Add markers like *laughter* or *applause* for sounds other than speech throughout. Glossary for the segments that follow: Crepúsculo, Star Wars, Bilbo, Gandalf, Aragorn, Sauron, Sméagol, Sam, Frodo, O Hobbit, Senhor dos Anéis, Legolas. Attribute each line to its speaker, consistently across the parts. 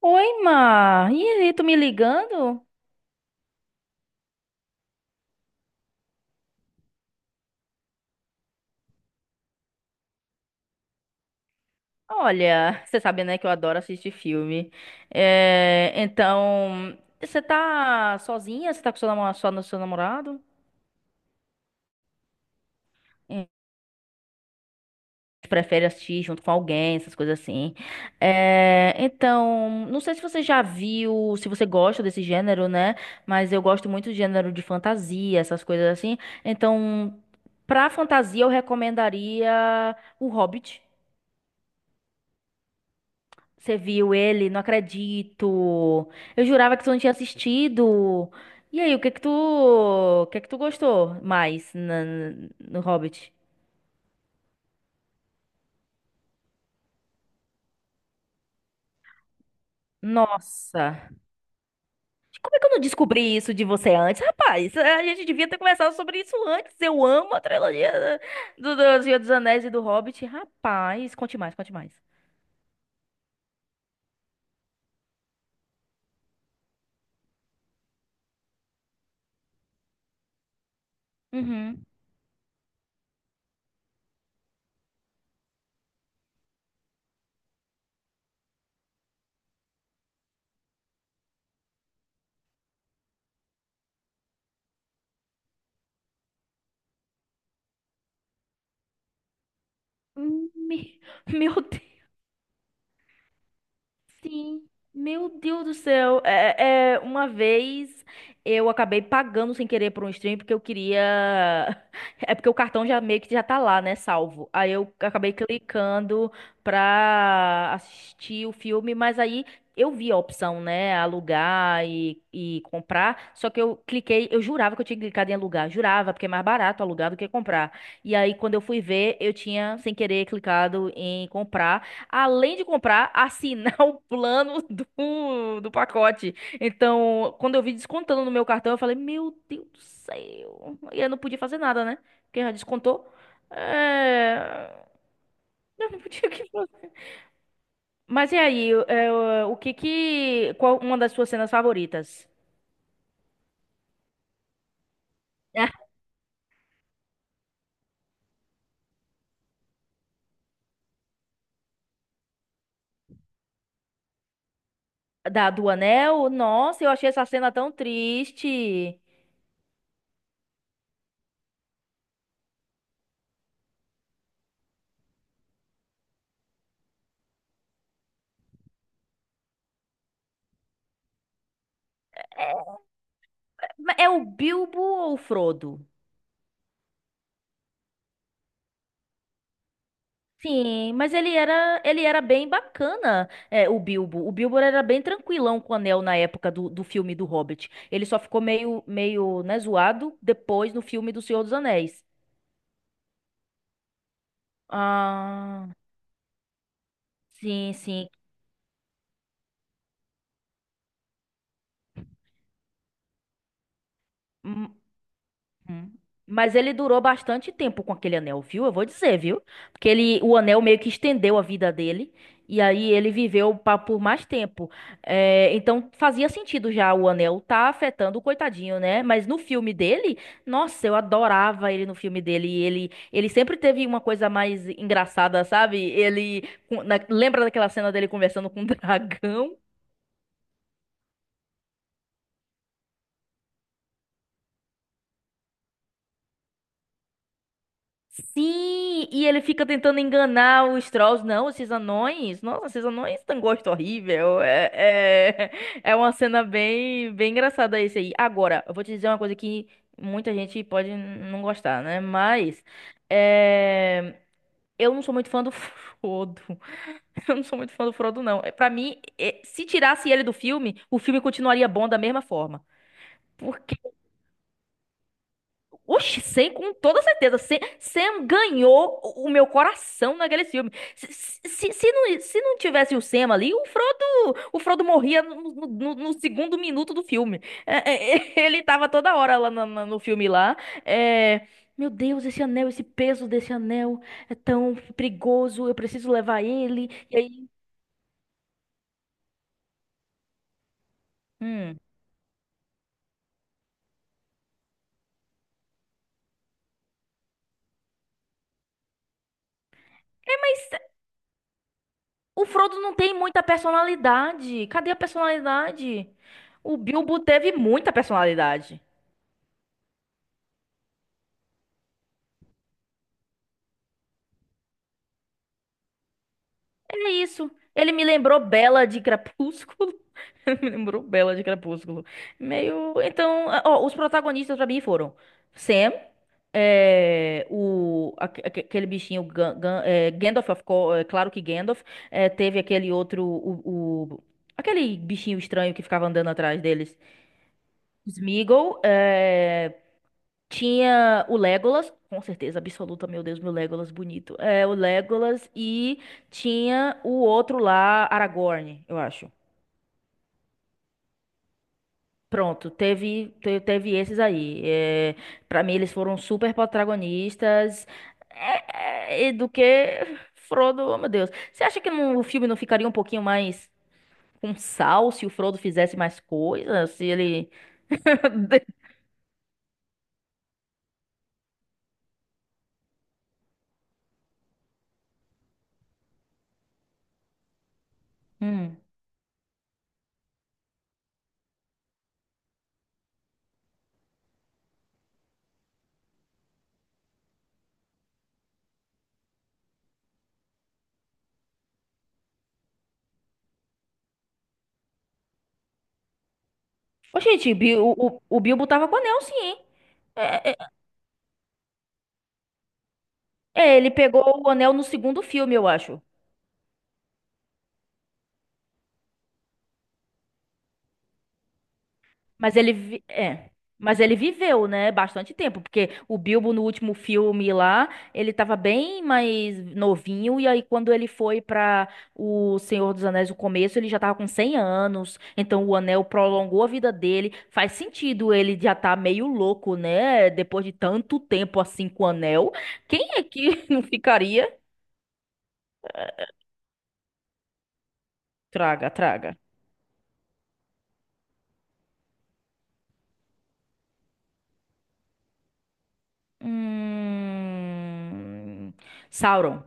Speaker 1: Oi, Mar. E aí, tu me ligando? Olha, você sabe, né, que eu adoro assistir filme. É, então, você tá sozinha? Você tá com seu namorado, só no seu namorado? É, prefere assistir junto com alguém, essas coisas assim. É, então, não sei se você já viu, se você gosta desse gênero, né? Mas eu gosto muito do gênero de fantasia, essas coisas assim. Então, pra fantasia, eu recomendaria O Hobbit. Você viu ele? Não acredito. Eu jurava que tu não tinha assistido. E aí, o que que tu gostou mais no Hobbit? Nossa, como é que eu não descobri isso de você antes? Rapaz, a gente devia ter conversado sobre isso antes. Eu amo a trilogia do Senhor dos Anéis e do Hobbit. Rapaz, conte mais, conte mais. Uhum. Hum. *laughs* Meu Deus. Sim, meu Deus do céu. Uma vez eu acabei pagando sem querer por um stream porque eu queria. *laughs* É porque o cartão já meio que já tá lá, né? Salvo. Aí eu acabei clicando pra assistir o filme, mas aí eu vi a opção, né? Alugar e comprar. Só que eu cliquei, eu jurava que eu tinha clicado em alugar. Jurava, porque é mais barato alugar do que comprar. E aí, quando eu fui ver, eu tinha sem querer clicado em comprar, além de comprar, assinar *laughs* o plano do pacote. Então, quando eu vi descontando no meu cartão, eu falei, meu Deus do céu. E eu não podia fazer nada, né? Porque já descontou. É... Eu não podia o que fazer. Mas e aí, qual uma das suas cenas favoritas? *laughs* Ah, do anel? Nossa, eu achei essa cena tão triste. É o Bilbo ou o Frodo? Sim, mas ele era bem bacana, o Bilbo. O Bilbo era bem tranquilão com o Anel na época do filme do Hobbit. Ele só ficou meio, né, zoado depois no filme do Senhor dos Anéis. Ah, sim, sim. Hum. Mas ele durou bastante tempo com aquele anel, viu? Eu vou dizer, viu? Porque o anel meio que estendeu a vida dele. E aí ele viveu por mais tempo. É, então fazia sentido já o anel tá afetando o coitadinho, né? Mas no filme dele, nossa, eu adorava ele no filme dele. E ele sempre teve uma coisa mais engraçada, sabe? Lembra daquela cena dele conversando com o *laughs* dragão? Sim, e ele fica tentando enganar os trolls. Não, esses anões. Nossa, esses anões têm um gosto horrível. É, é. *laughs* É uma cena bem, bem engraçada esse aí. Agora, eu vou te dizer uma coisa que muita gente pode não gostar, né? Mas é, eu não sou muito fã do Frodo. *laughs* Eu não sou muito fã do Frodo, não. É, pra mim, se tirasse ele do filme, o filme continuaria bom da mesma forma. Oxi, Sam, com toda certeza. Sam ganhou o meu coração naquele filme. Se não tivesse o Sam ali, o Frodo morria no segundo minuto do filme. É, é. *laughs* Ele tava toda hora lá no filme lá. é, Meu Deus, esse anel, esse peso desse anel é tão perigoso. Eu preciso levar ele. E aí. Hum. O Frodo não tem muita personalidade. Cadê a personalidade? O Bilbo teve muita personalidade. É isso. Ele me lembrou Bella de Crepúsculo. *laughs* Ele me lembrou Bella de Crepúsculo. Meio. Então, ó, os protagonistas pra mim foram Sam, aquele bichinho Gandalf, claro que Gandalf. Teve aquele outro. Aquele bichinho estranho que ficava andando atrás deles. Sméagol. Tinha o Legolas, com certeza absoluta, meu Deus, meu Legolas bonito. É, o Legolas e tinha o outro lá, Aragorn, eu acho. Pronto, teve esses aí. É, para mim, eles foram super protagonistas. E do que Frodo, oh meu Deus. Você acha que o filme não ficaria um pouquinho mais com sal se o Frodo fizesse mais coisas? Se ele. *laughs* Hum. Ô, gente, o Bilbo tava com anel, sim, hein? É, ele pegou o anel no segundo filme, eu acho. Mas ele, vi- é, mas ele viveu, né, bastante tempo, porque o Bilbo no último filme lá, ele tava bem mais novinho e aí quando ele foi pra o Senhor dos Anéis no começo, ele já tava com 100 anos. Então o anel prolongou a vida dele. Faz sentido ele já tá meio louco, né, depois de tanto tempo assim com o anel. Quem é que *laughs* não ficaria? Traga, traga. Hum... Sauron.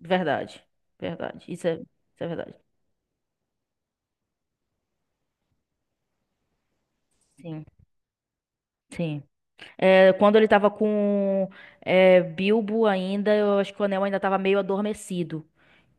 Speaker 1: Verdade, verdade. Isso é verdade. Sim, sim. É, quando ele tava com Bilbo ainda, eu acho que o Anel ainda tava meio adormecido.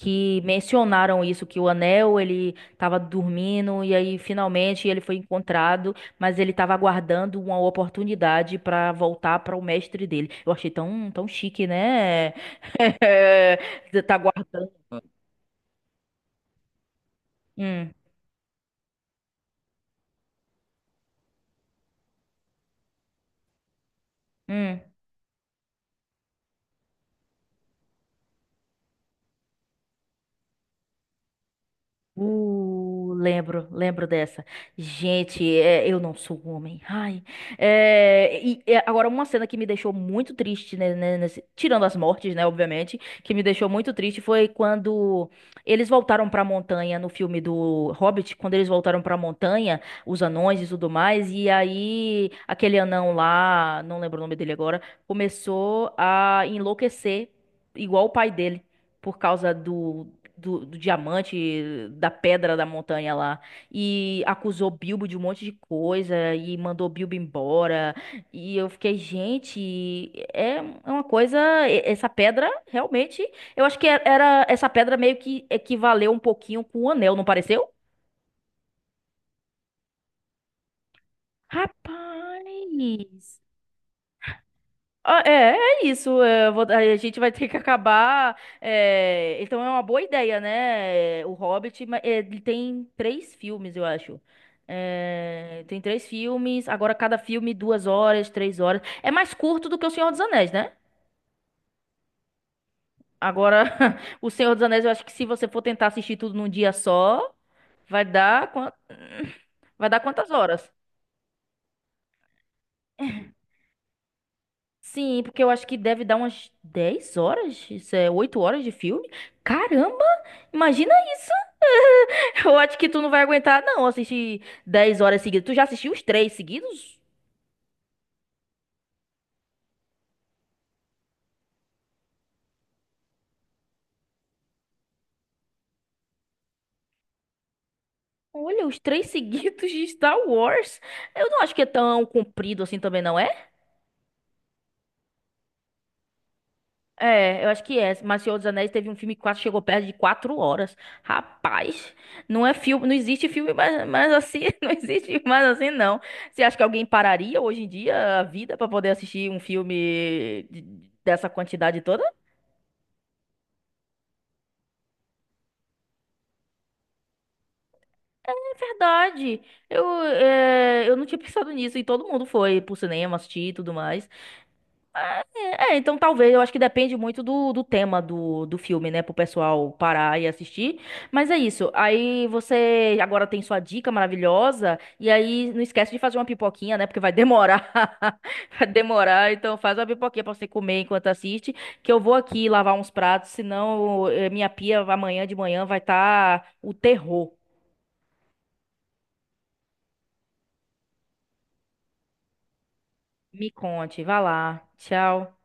Speaker 1: Que mencionaram isso, que o Anel, ele tava dormindo e aí finalmente ele foi encontrado, mas ele tava aguardando uma oportunidade pra voltar para o mestre dele. Eu achei tão, tão chique, né? *laughs* Você tá aguardando. Hum, hum. Lembro, lembro dessa. Gente, eu não sou homem. Ai. Agora, uma cena que me deixou muito triste, né, tirando as mortes, né, obviamente, que me deixou muito triste foi quando eles voltaram pra montanha no filme do Hobbit, quando eles voltaram pra montanha, os anões e tudo mais, e aí aquele anão lá, não lembro o nome dele agora, começou a enlouquecer, igual o pai dele. Por causa do diamante, da pedra da montanha lá. E acusou Bilbo de um monte de coisa e mandou Bilbo embora. E eu fiquei, gente, é uma coisa. Essa pedra realmente. Eu acho que essa pedra meio que equivaleu um pouquinho com o anel, não pareceu? Rapaz! Ah, é isso. A gente vai ter que acabar. Então é uma boa ideia, né? O Hobbit, ele tem três filmes, eu acho. É, tem três filmes. Agora cada filme 2 horas, 3 horas. É mais curto do que O Senhor dos Anéis, né? Agora *laughs* O Senhor dos Anéis, eu acho que se você for tentar assistir tudo num dia só, vai dar quan- vai dar quantas horas? Sim, porque eu acho que deve dar umas 10 horas, isso é 8 horas de filme. Caramba, imagina isso. *laughs* Eu acho que tu não vai aguentar, não, assistir 10 horas seguidas. Tu já assistiu os três seguidos? Olha, os três *laughs* seguidos de Star Wars. Eu não acho que é tão comprido assim também, não é? É, eu acho que é. Mas Senhor dos Anéis teve um filme que quase chegou perto de 4 horas. Rapaz, não é filme, não existe filme mais, mais assim, *laughs* não existe mais assim, não. Você acha que alguém pararia hoje em dia a vida pra poder assistir um filme dessa quantidade toda? É verdade. Eu não tinha pensado nisso e todo mundo foi pro cinema assistir e tudo mais. É, então talvez, eu acho que depende muito do tema do filme, né? Pro pessoal parar e assistir. Mas é isso. Aí você agora tem sua dica maravilhosa. E aí não esquece de fazer uma pipoquinha, né? Porque vai demorar. *laughs* Vai demorar. Então faz uma pipoquinha pra você comer enquanto assiste. Que eu vou aqui lavar uns pratos. Senão minha pia amanhã de manhã vai estar o terror. Me conte. Vai lá. Tchau.